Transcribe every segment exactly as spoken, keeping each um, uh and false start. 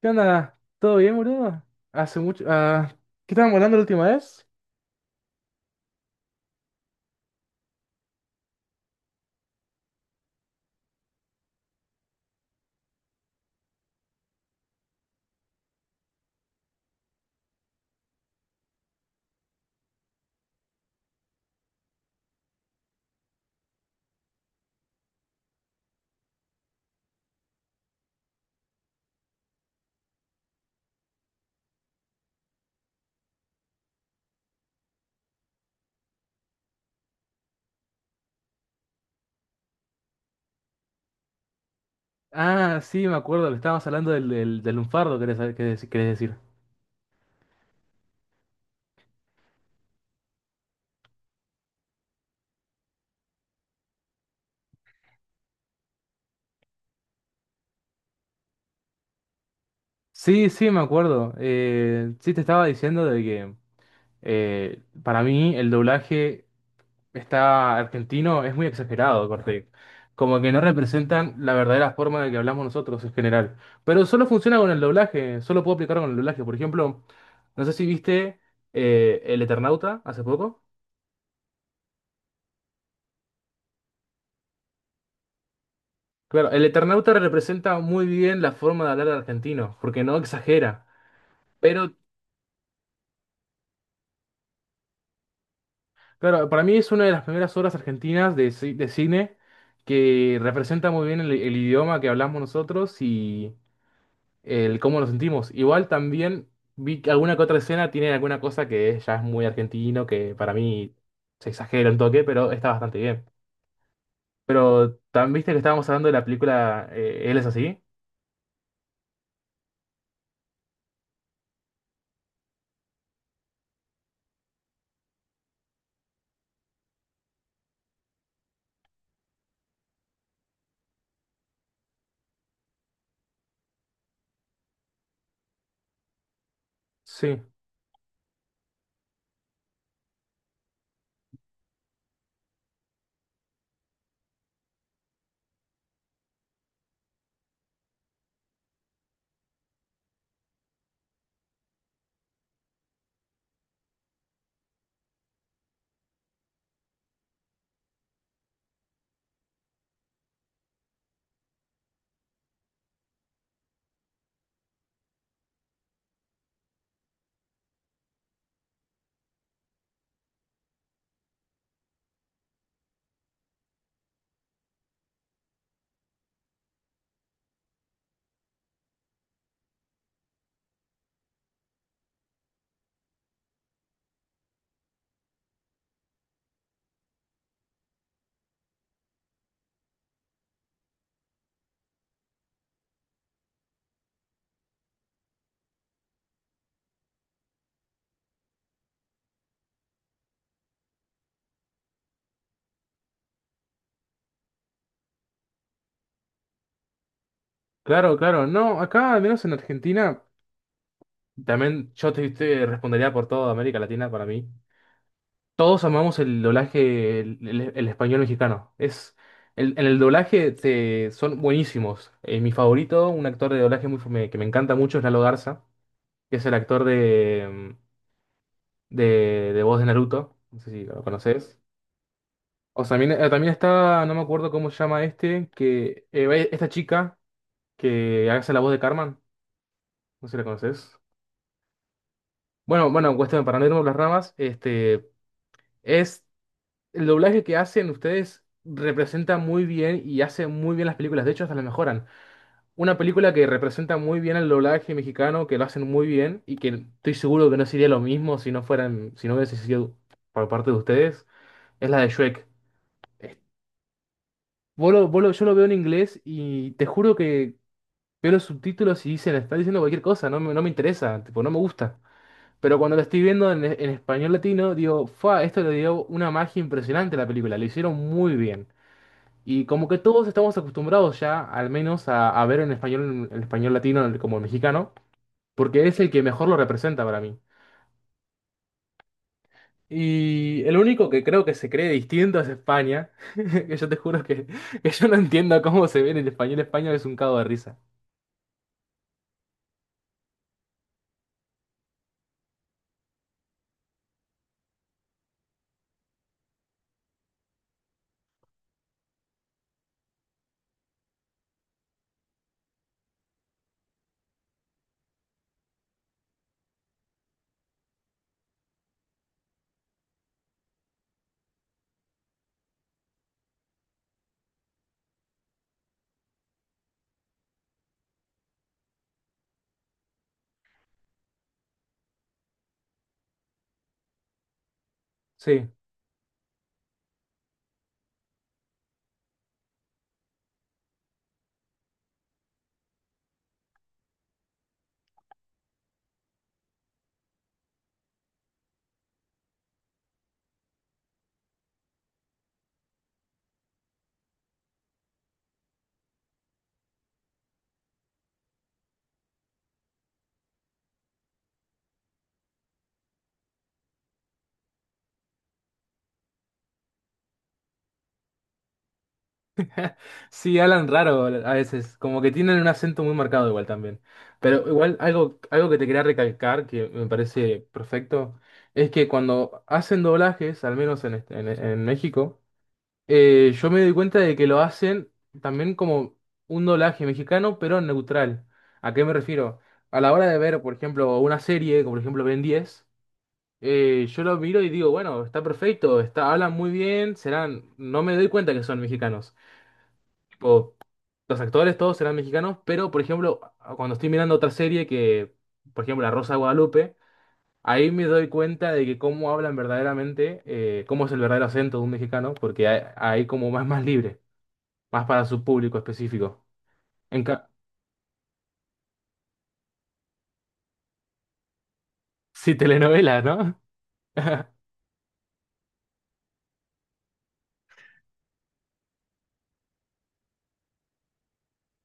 ¿Qué onda? ¿Todo bien, boludo? Hace mucho... ah, ¿qué estábamos hablando la última vez? Ah, sí, me acuerdo, le estábamos hablando del, del, del lunfardo, querés, saber- querés- querés decir. Sí, sí, me acuerdo. Eh, sí, te estaba diciendo de que eh, para mí el doblaje está argentino es muy exagerado, corte. Como que no representan la verdadera forma de que hablamos nosotros en general. Pero solo funciona con el doblaje, solo puedo aplicar con el doblaje. Por ejemplo, no sé si viste eh, El Eternauta hace poco. Claro, el Eternauta representa muy bien la forma de hablar argentino, porque no exagera. Pero, claro, para mí es una de las primeras obras argentinas de, ci- de cine que representa muy bien el, el idioma que hablamos nosotros y el cómo nos sentimos. Igual también vi que alguna que otra escena tiene alguna cosa que es- ya es muy argentino, que para mí se exagera un toque, pero está bastante bien. Pero, ¿también viste que estábamos hablando de la película eh, Él es así? Sí. Claro, claro. No, acá, al menos en Argentina. También yo te, te respondería por toda América Latina para mí. Todos amamos el doblaje, el, el- el español mexicano. Es, el- en el doblaje te- son buenísimos. Eh, mi favorito, un actor de doblaje muy, fam- que me encanta mucho es Lalo Garza, que es el actor de, de, de voz de Naruto. No sé si lo conoces. O sea, también, eh, también está, no me acuerdo cómo se llama este, que eh, esta chica que hace la voz de Carmen. No sé si la conoces. Bueno, bueno, cuestión, para no irnos por las ramas, este... Es el doblaje que hacen ustedes representa muy bien y hace muy bien las películas. De hecho, hasta las mejoran. Una película que representa muy bien el doblaje mexicano, que lo hacen muy bien y que estoy seguro que no sería lo mismo si no fueran, si no hubiese sido por parte de ustedes, es la de Shrek. Es- vos lo- vos lo- yo lo veo en inglés y te juro que veo los subtítulos y dicen, están diciendo cualquier cosa, no me, no me interesa, tipo, no me gusta. Pero cuando lo estoy viendo en, en español latino, digo, fa, esto le dio una magia impresionante a la película, lo hicieron muy bien. Y como que todos estamos acostumbrados ya, al menos, a, a ver en español, el español latino el- como el mexicano, porque es el que mejor lo representa para mí. Y el único que creo que se cree distinto es España, que yo te juro que, que yo no entiendo cómo se ve en el español España, es un cago de risa. Sí, sí, hablan raro a veces, como que tienen un acento muy marcado igual también. Pero igual algo, algo que te quería recalcar, que me parece perfecto, es que cuando hacen doblajes, al menos en, este- en en México, Eh, yo me doy cuenta de que lo hacen también como un doblaje mexicano, pero neutral. ¿A qué me refiero? A la hora de ver, por ejemplo, una serie, como por ejemplo Ben diez, eh, yo lo miro y digo, bueno, está perfecto, está, hablan muy bien, serán, no me doy cuenta que son mexicanos. Tipo, los actores todos serán mexicanos, pero por ejemplo, a- cuando estoy mirando otra serie que, por ejemplo, La Rosa de Guadalupe, ahí me doy cuenta de que cómo hablan verdaderamente, eh, cómo es el verdadero acento de un mexicano, porque hay, hay como más, más libre. Más para su público específico. En ca- sí, telenovela, ¿no?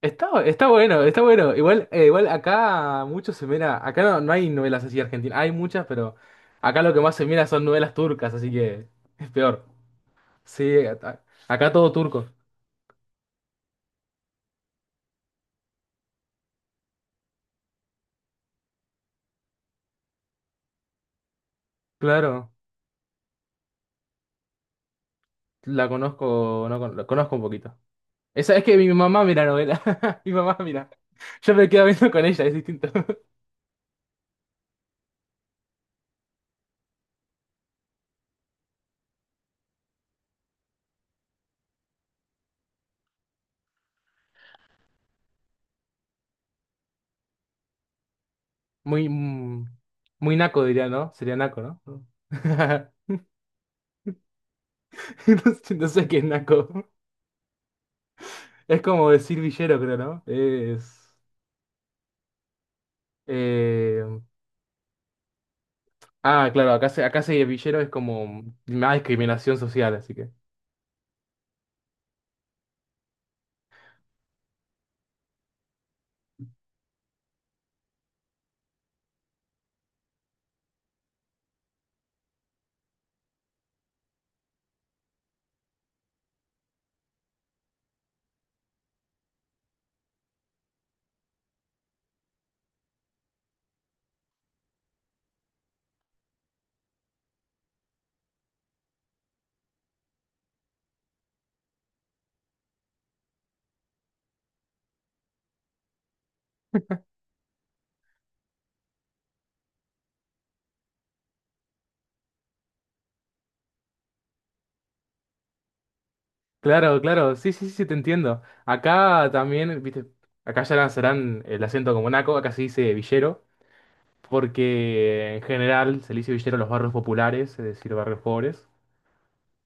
Está, está bueno, está bueno. Igual, eh, igual acá mucho se mira. Acá no, no hay novelas así argentinas. Hay muchas, pero acá lo que más se mira son novelas turcas, así que es peor. Sí, acá, acá todo turco. Claro, la conozco, no, con- la conozco un poquito. Esa es que mi mamá mira novela. Mi mamá mira. Yo me quedo viendo con ella, es distinto. Muy, mm, muy naco diría, ¿no? Sería naco, ¿no? No sé no sé qué es Naco. Es como decir villero, creo, ¿no? Es. eh, Ah, claro, acá se, acá se villero es como más discriminación social, así que. Claro, claro, sí, sí, sí, te entiendo. Acá también, viste, acá ya lanzarán el acento como Naco, acá se dice villero, porque en general se le dice villero a los barrios populares, es decir, barrios pobres.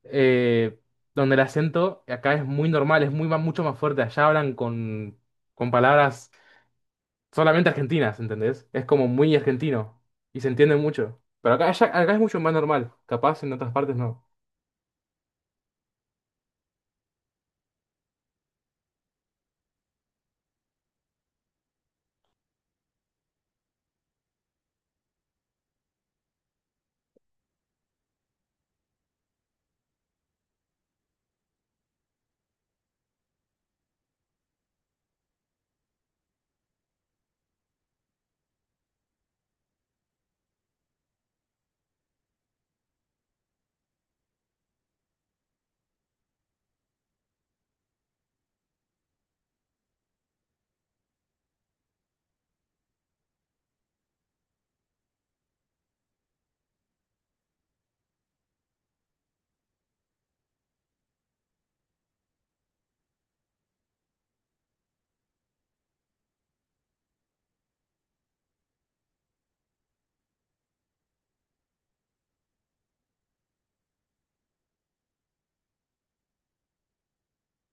eh, Donde el acento acá es muy normal, es muy, ma- mucho más fuerte. Allá hablan con, con palabras solamente argentinas, ¿entendés? Es como muy argentino y se entiende mucho. Pero acá, ya- acá es mucho más normal, capaz en otras partes no.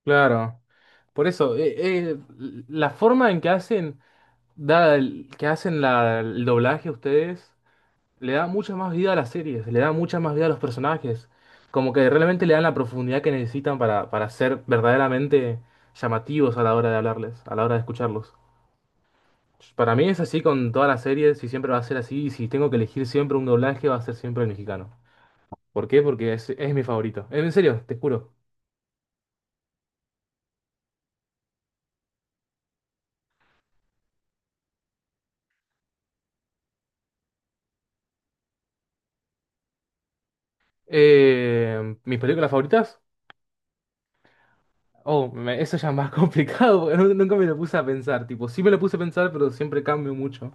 Claro, por eso, eh, eh, la forma en que hacen, da el- que hacen la- el doblaje ustedes, le da mucha más vida a las series, le da mucha más vida a los personajes. Como que realmente le dan la profundidad que necesitan para, para ser verdaderamente llamativos a la hora de hablarles, a la hora de escucharlos. Pues, para mí es así con todas las series y siempre va a ser así. Y si tengo que elegir siempre un doblaje, va a ser siempre el mexicano. ¿Por qué? Porque es, es mi favorito. Eh, En serio, te juro. Eh, ¿mis películas favoritas? Oh, me- eso ya es más complicado, porque nu- nunca me lo puse a pensar. Tipo, sí me lo puse a pensar, pero siempre cambio mucho.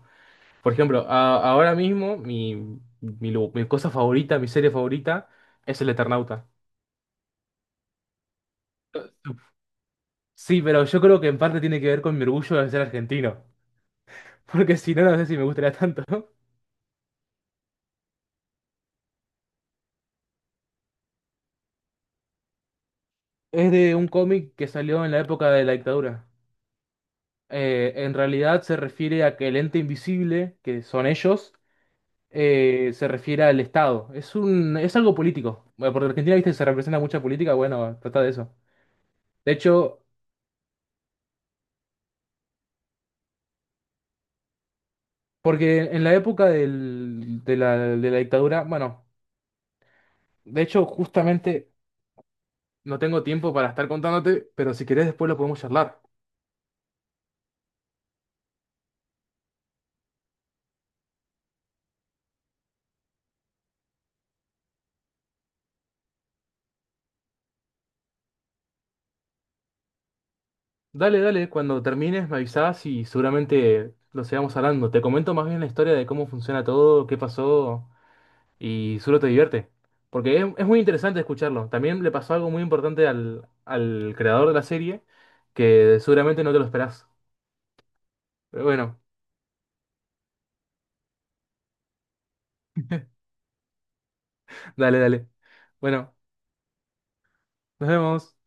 Por ejemplo, a- ahora mismo mi, mi, lu- mi cosa favorita, mi serie favorita, es El Eternauta. Sí, pero yo creo que en parte tiene que ver con mi orgullo de ser argentino. Porque si no, no sé si me gustaría tanto. Es de un cómic que salió en la época de la dictadura. Eh, en realidad se refiere a que el ente invisible, que son ellos, eh, se refiere al Estado. Es un, es algo político. Bueno, porque Argentina, viste, se representa mucha política, bueno, trata de eso. De hecho, porque en la época del- de la, de la dictadura, bueno, de hecho, justamente no tengo tiempo para estar contándote, pero si querés después lo podemos charlar. Dale, dale, cuando termines me avisás y seguramente lo sigamos hablando. Te comento más bien la historia de cómo funciona todo, qué pasó y seguro te divierte. Porque es, es muy interesante escucharlo. También le pasó algo muy importante al, al creador de la serie que seguramente no te lo esperás. Pero bueno, dale, dale. Bueno, nos vemos.